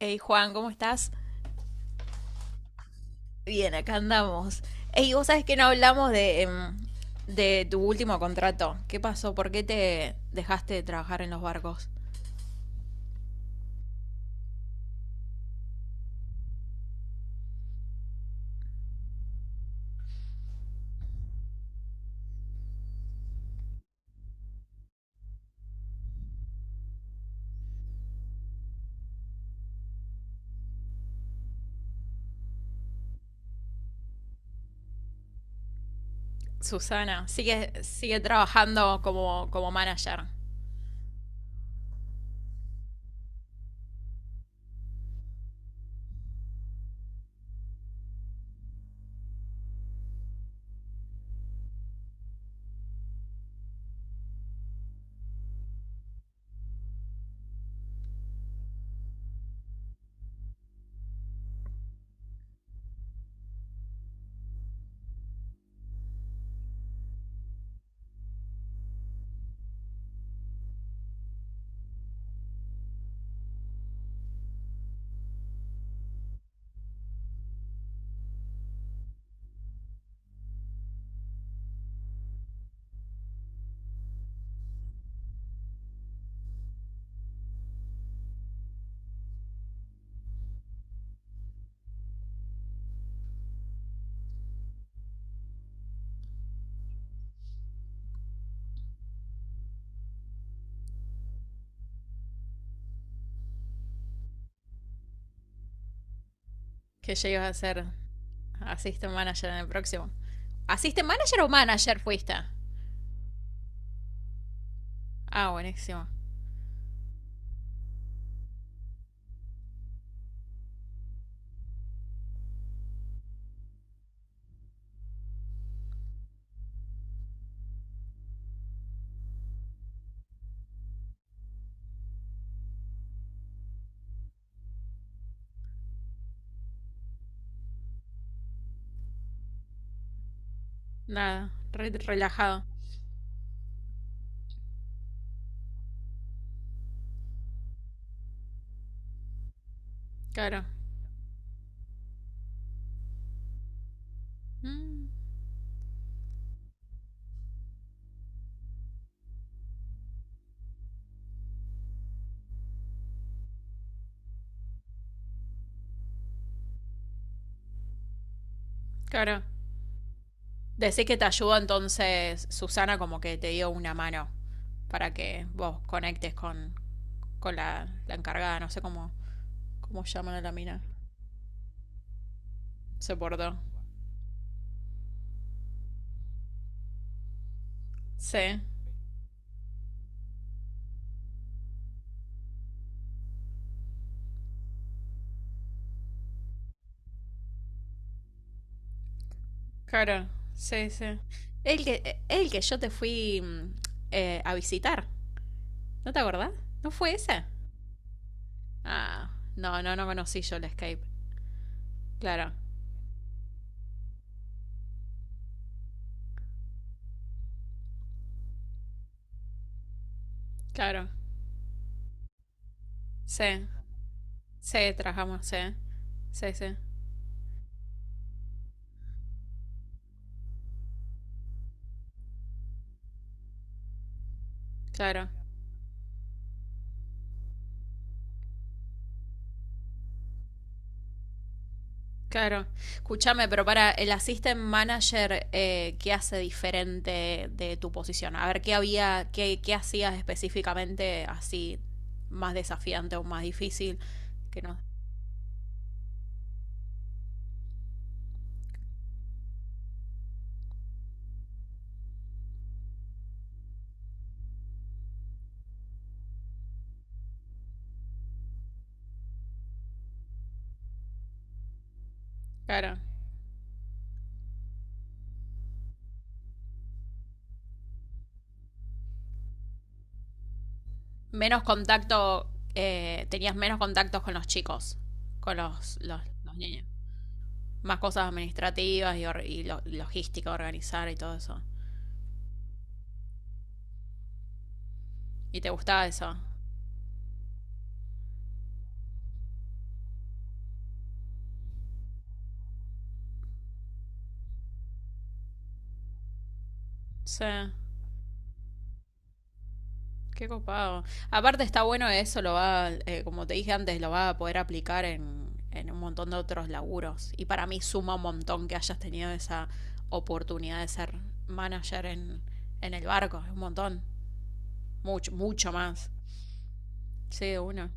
Hey Juan, ¿cómo estás? Bien, acá andamos. Hey, vos sabés que no hablamos de tu último contrato. ¿Qué pasó? ¿Por qué te dejaste de trabajar en los barcos? Susana, sigue trabajando como manager. Que llegas a ser assistant manager en el próximo. ¿Assistant manager o manager fuiste? Ah, buenísimo. Nada, relajado. Claro. Mm, claro. Decís que te ayudó entonces Susana, como que te dio una mano para que vos conectes con la encargada, no sé cómo llaman a la mina. Se portó. Sí, claro, sí, sí. El que yo te fui a visitar, ¿no te acordás? ¿No fue ese? Ah, no, no, no conocí yo el Escape. Claro, claro. Sí, sí, trabajamos, sí. Sí, sí, claro. Claro. Escúchame, pero para el assistant manager, ¿qué hace diferente de tu posición? A ver, ¿qué, qué hacías específicamente así más desafiante o más difícil? Que no. Claro. Menos contacto, tenías menos contactos con los chicos, con los niños. Más cosas administrativas y logística, organizar y todo eso. ¿Y te gustaba eso? Sí. Qué copado. Aparte está bueno eso, como te dije antes, lo va a poder aplicar en un montón de otros laburos. Y para mí suma un montón que hayas tenido esa oportunidad de ser manager en el barco. Es un montón. Mucho, mucho más. Sí, de una.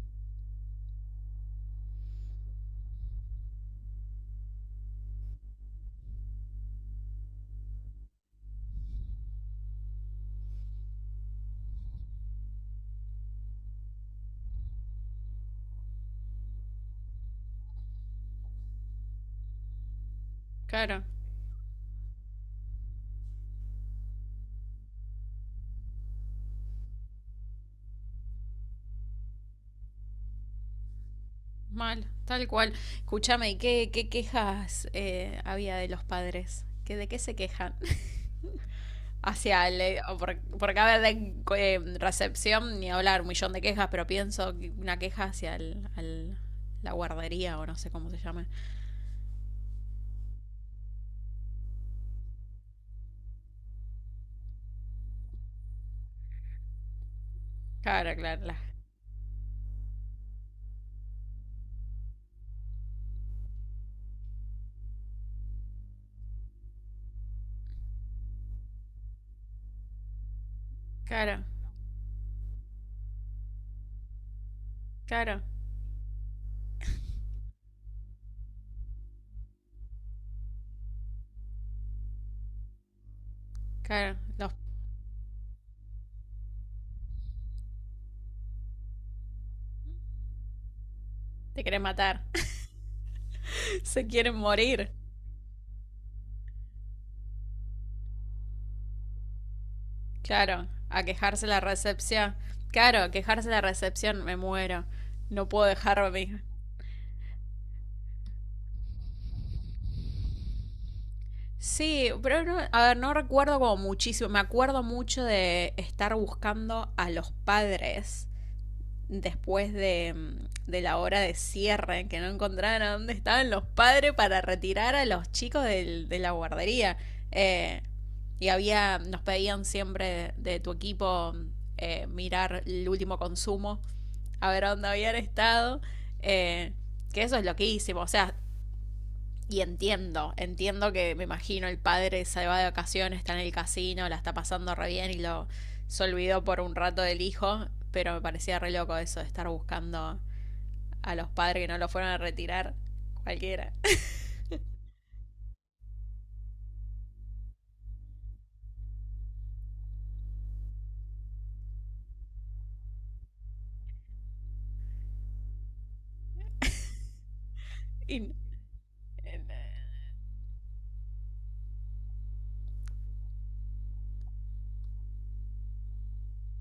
Claro. Mal. Tal cual. Escúchame, ¿y qué quejas había de los padres? ¿Que ¿De qué se quejan? Hacia el, o por acá de recepción ni hablar un millón de quejas, pero pienso que una queja hacia la guardería o no sé cómo se llama. Claro, claro, claro, claro, claro. Los te quieren matar, se quieren morir. Claro, a quejarse la recepción. Claro, a quejarse la recepción, me muero. No puedo dejarme. Sí, pero no, a ver, no recuerdo como muchísimo. Me acuerdo mucho de estar buscando a los padres después de la hora de cierre, que no encontraban a dónde estaban los padres para retirar a los chicos de la guardería. Eh, y había, nos pedían siempre de tu equipo mirar el último consumo, a ver dónde habían estado. eh, que eso es loquísimo. O sea, y entiendo, entiendo que, me imagino, el padre se va de vacaciones, está en el casino, la está pasando re bien y lo se olvidó por un rato del hijo, pero me parecía re loco eso de estar buscando a los padres que no lo fueron a retirar. Cualquiera. Y-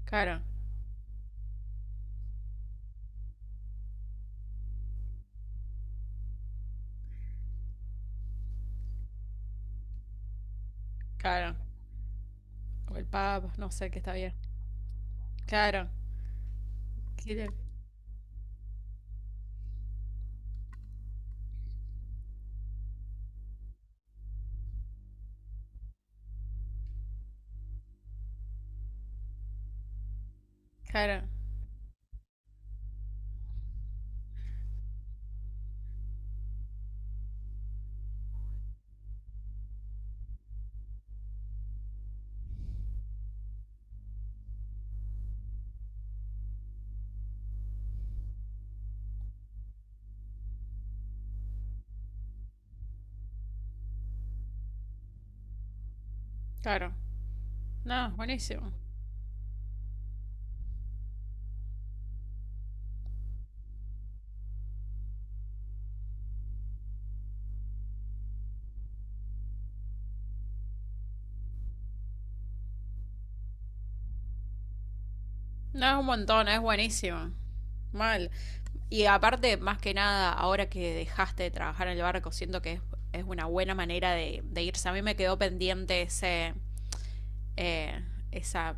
claro, claro. O el pub, no sé, qué está bien. Claro. Claro, claro. No, buenísimo. No, es un montón, es buenísimo. Mal. Y aparte, más que nada, ahora que dejaste de trabajar en el barco, siento que es una buena manera de irse. A mí me quedó pendiente eh, esa,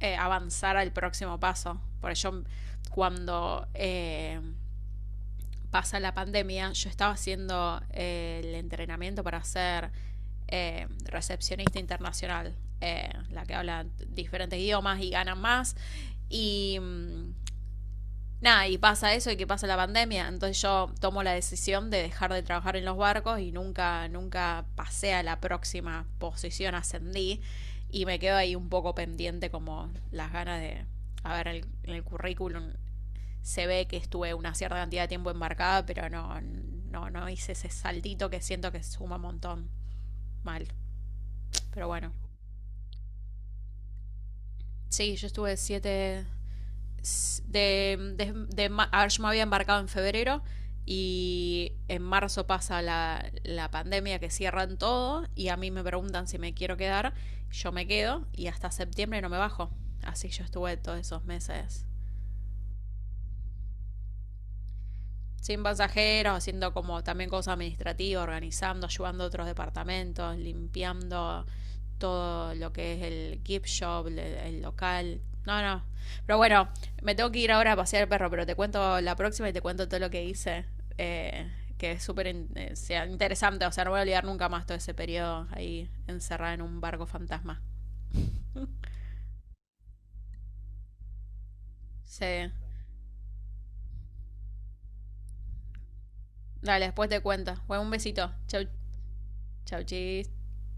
avanzar al próximo paso. Por yo, cuando pasa la pandemia, yo estaba haciendo el entrenamiento para ser recepcionista internacional, la que habla diferentes idiomas y gana más. Y mm, Nada, y pasa eso y que pasa la pandemia. Entonces yo tomo la decisión de dejar de trabajar en los barcos y nunca, nunca pasé a la próxima posición, ascendí. Y me quedo ahí un poco pendiente, como las ganas a ver, en el currículum se ve que estuve una cierta cantidad de tiempo embarcada, pero no, no, no hice ese saltito que siento que suma un montón. Mal. Pero bueno. Sí, yo estuve siete, de a ver, yo me había embarcado en febrero y en marzo pasa la pandemia, que cierran todo y a mí me preguntan si me quiero quedar, yo me quedo y hasta septiembre no me bajo. Así yo estuve todos esos meses sin pasajeros, haciendo como también cosas administrativas, organizando, ayudando a otros departamentos, limpiando todo lo que es el gift shop, el local. No, no. Pero bueno, me tengo que ir ahora a pasear el perro, pero te cuento la próxima y te cuento todo lo que hice. eh, que es súper sea interesante, o sea, no voy a olvidar nunca más todo ese periodo ahí encerrada en un barco fantasma. Sí. Dale, después te cuento. Bueno, un besito. Chau. Chau, chis.